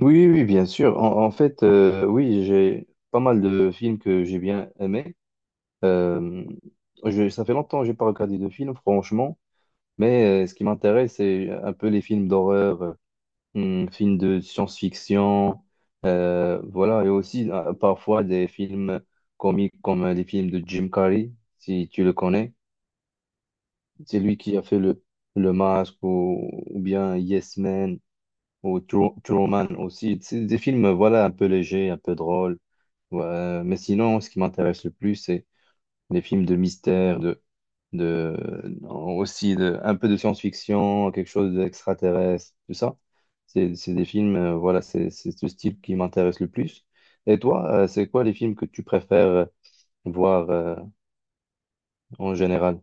Oui, oui, oui, bien sûr. En fait, oui, j'ai pas mal de films que j'ai bien aimés. Euh, Ça fait longtemps que j'ai pas regardé de films, franchement. Mais ce qui m'intéresse, c'est un peu les films d'horreur, films de science-fiction, voilà, et aussi parfois des films comiques comme les films de Jim Carrey, si tu le connais. C'est lui qui a fait le Masque ou bien Yes Man ou Truman aussi. C'est des films, voilà, un peu légers, un peu drôles. Ouais, mais sinon, ce qui m'intéresse le plus, c'est les films de mystère, de, aussi de, un peu de science-fiction, quelque chose d'extraterrestre, tout ça. C'est des films, voilà, c'est ce style qui m'intéresse le plus. Et toi, c'est quoi les films que tu préfères voir en général?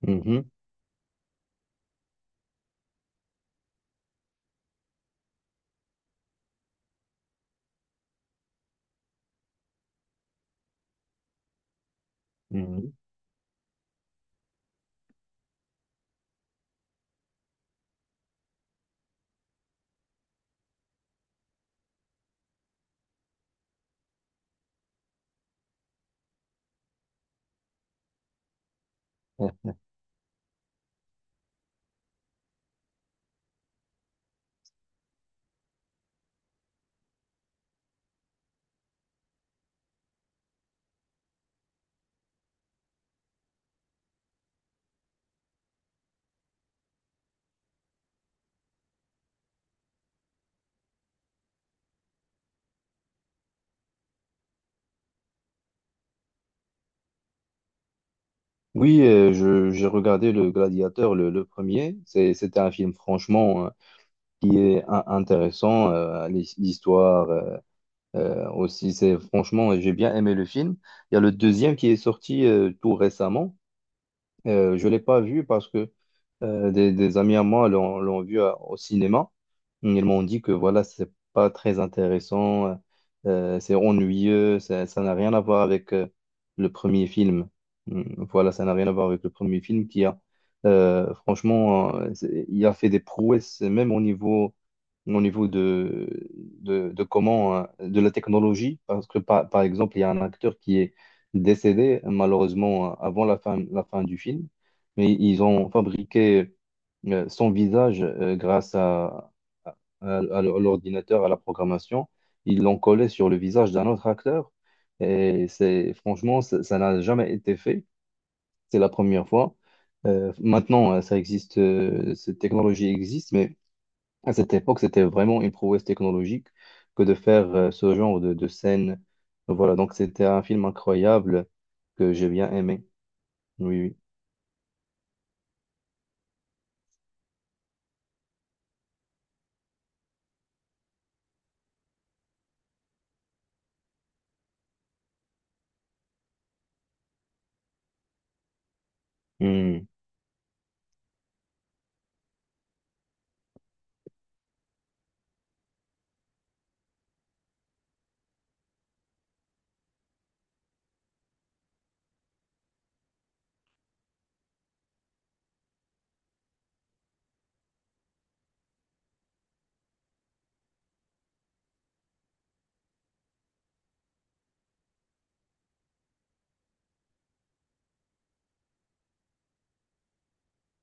Mhm, mhm. Ouais. Oui, j'ai regardé Le Gladiateur, le premier. C'était un film franchement qui est intéressant. L'histoire, aussi, c'est franchement, j'ai bien aimé le film. Il y a le deuxième qui est sorti tout récemment. Je ne l'ai pas vu parce que des amis à moi l'ont vu au cinéma. Ils m'ont dit que voilà, c'est pas très intéressant, c'est ennuyeux, ça n'a rien à voir avec le premier film. Mm, voilà, ça n'a rien à voir avec le premier film qui, il a fait des prouesses, même au niveau de comment, de la technologie, parce que par exemple, il y a un acteur qui est décédé malheureusement avant la fin du film, mais ils ont fabriqué son visage grâce à l'ordinateur, à la programmation. Ils l'ont collé sur le visage d'un autre acteur et c'est franchement, ça n'a jamais été fait. C'est la première fois. Maintenant, ça existe, cette technologie existe, mais à cette époque, c'était vraiment une prouesse technologique que de faire ce genre de scène. Voilà, donc c'était un film incroyable que j'ai bien aimé. Oui, oui.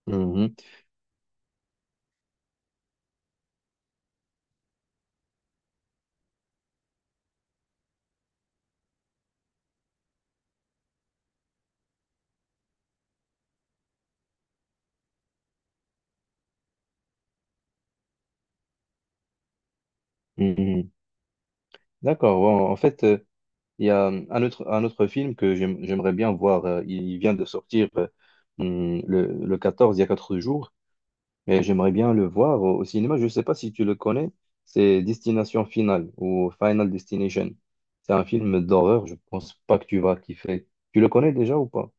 Mm, mhm, mhm. D'accord. Bon, en fait, il y a un autre film que j'aimerais bien voir. Euh, il vient de sortir le 14 il y a 4 jours. Mais j'aimerais bien le voir au, au cinéma. Je ne sais pas si tu le connais. C'est Destination Finale ou Final Destination. C'est un film d'horreur. Je pense pas que tu vas kiffer. Tu le connais déjà ou pas?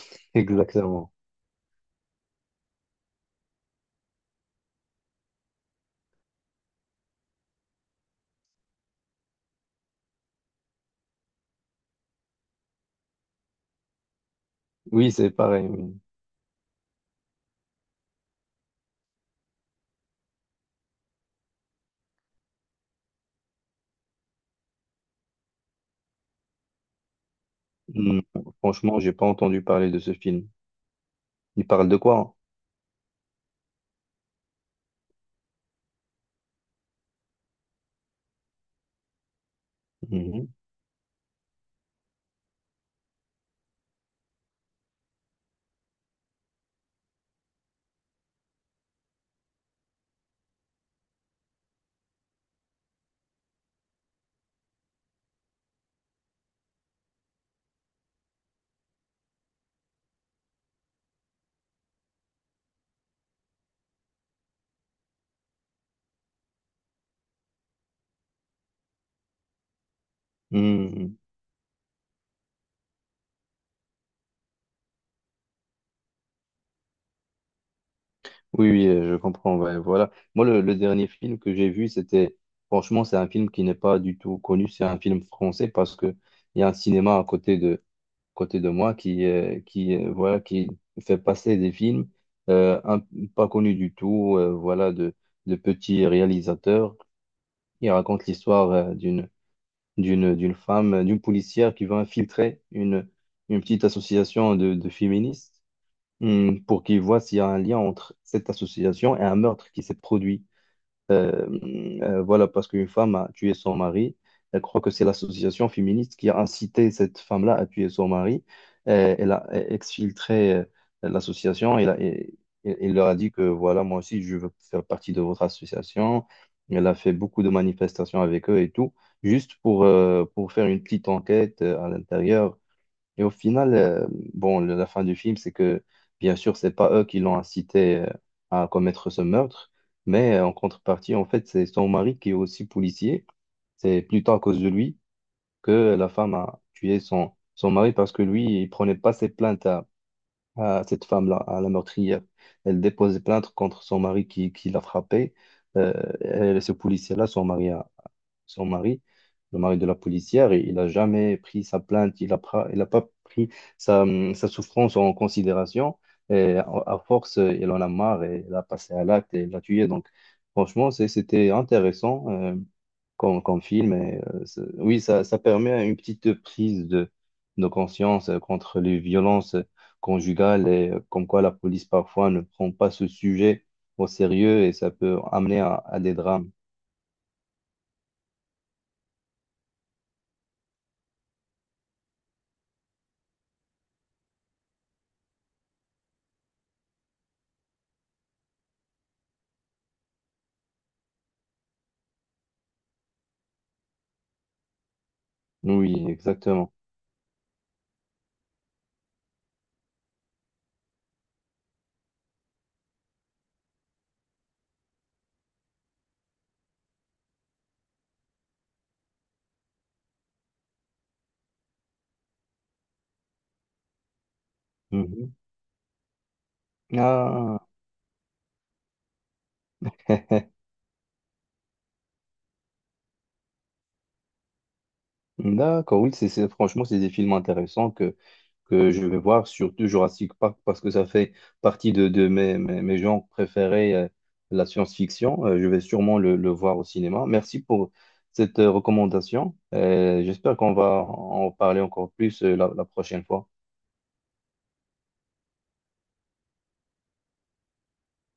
Exactement. Oui, c'est pareil. Oui. Mm. Franchement, j'ai pas entendu parler de ce film. Il parle de quoi? Mhm. Mhm. Oui, oui, je comprends. Ouais, voilà. Moi, le dernier film que j'ai vu, c'était, franchement, c'est un film qui n'est pas du tout connu. C'est un film français parce que il y a un cinéma à côté côté de moi qui, voilà, qui fait passer des films euh, un- pas connus du tout, de petits réalisateurs. Il raconte l'histoire d'une femme, d'une policière qui veut infiltrer une petite association de féministes, pour qu'ils voient s'il y a un lien entre cette association et un meurtre qui s'est produit. Euh, voilà, parce qu'une femme a tué son mari. Elle croit que c'est l'association féministe qui a incité cette femme-là à tuer son mari. Elle a exfiltré l'association. Elle leur a dit que voilà, moi aussi, je veux faire partie de votre association. Elle a fait beaucoup de manifestations avec eux et tout, juste pour faire une petite enquête à l'intérieur. Et au final, bon, la fin du film, c'est que, bien sûr, c'est pas eux qui l'ont incité à commettre ce meurtre, mais en contrepartie, en fait, c'est son mari qui est aussi policier. C'est plutôt à cause de lui que la femme a tué son, son mari parce que lui, il prenait pas ses plaintes à cette femme-là, à la meurtrière. Elle déposait plainte contre son mari qui l'a frappé. Euh, et ce policier-là, son mari, le mari de la policière, et il n'a jamais pris sa plainte, il a pas pris sa, sa souffrance en considération. Et à force, il en a marre et il a passé à l'acte et il l'a tué. Donc, franchement, c'était intéressant comme, comme film. Et, oui, ça permet une petite prise de conscience contre les violences conjugales et comme quoi la police parfois ne prend pas ce sujet au sérieux et ça peut amener à des drames. Oui, exactement. Mhm. Ah, d'accord, oui, c'est- franchement, c'est des films intéressants que je vais voir, surtout Jurassic Park, parce que ça fait partie de mes genres préférés, la science-fiction. Je vais sûrement le voir au cinéma. Merci pour cette recommandation. J'espère qu'on va en parler encore plus, la prochaine fois.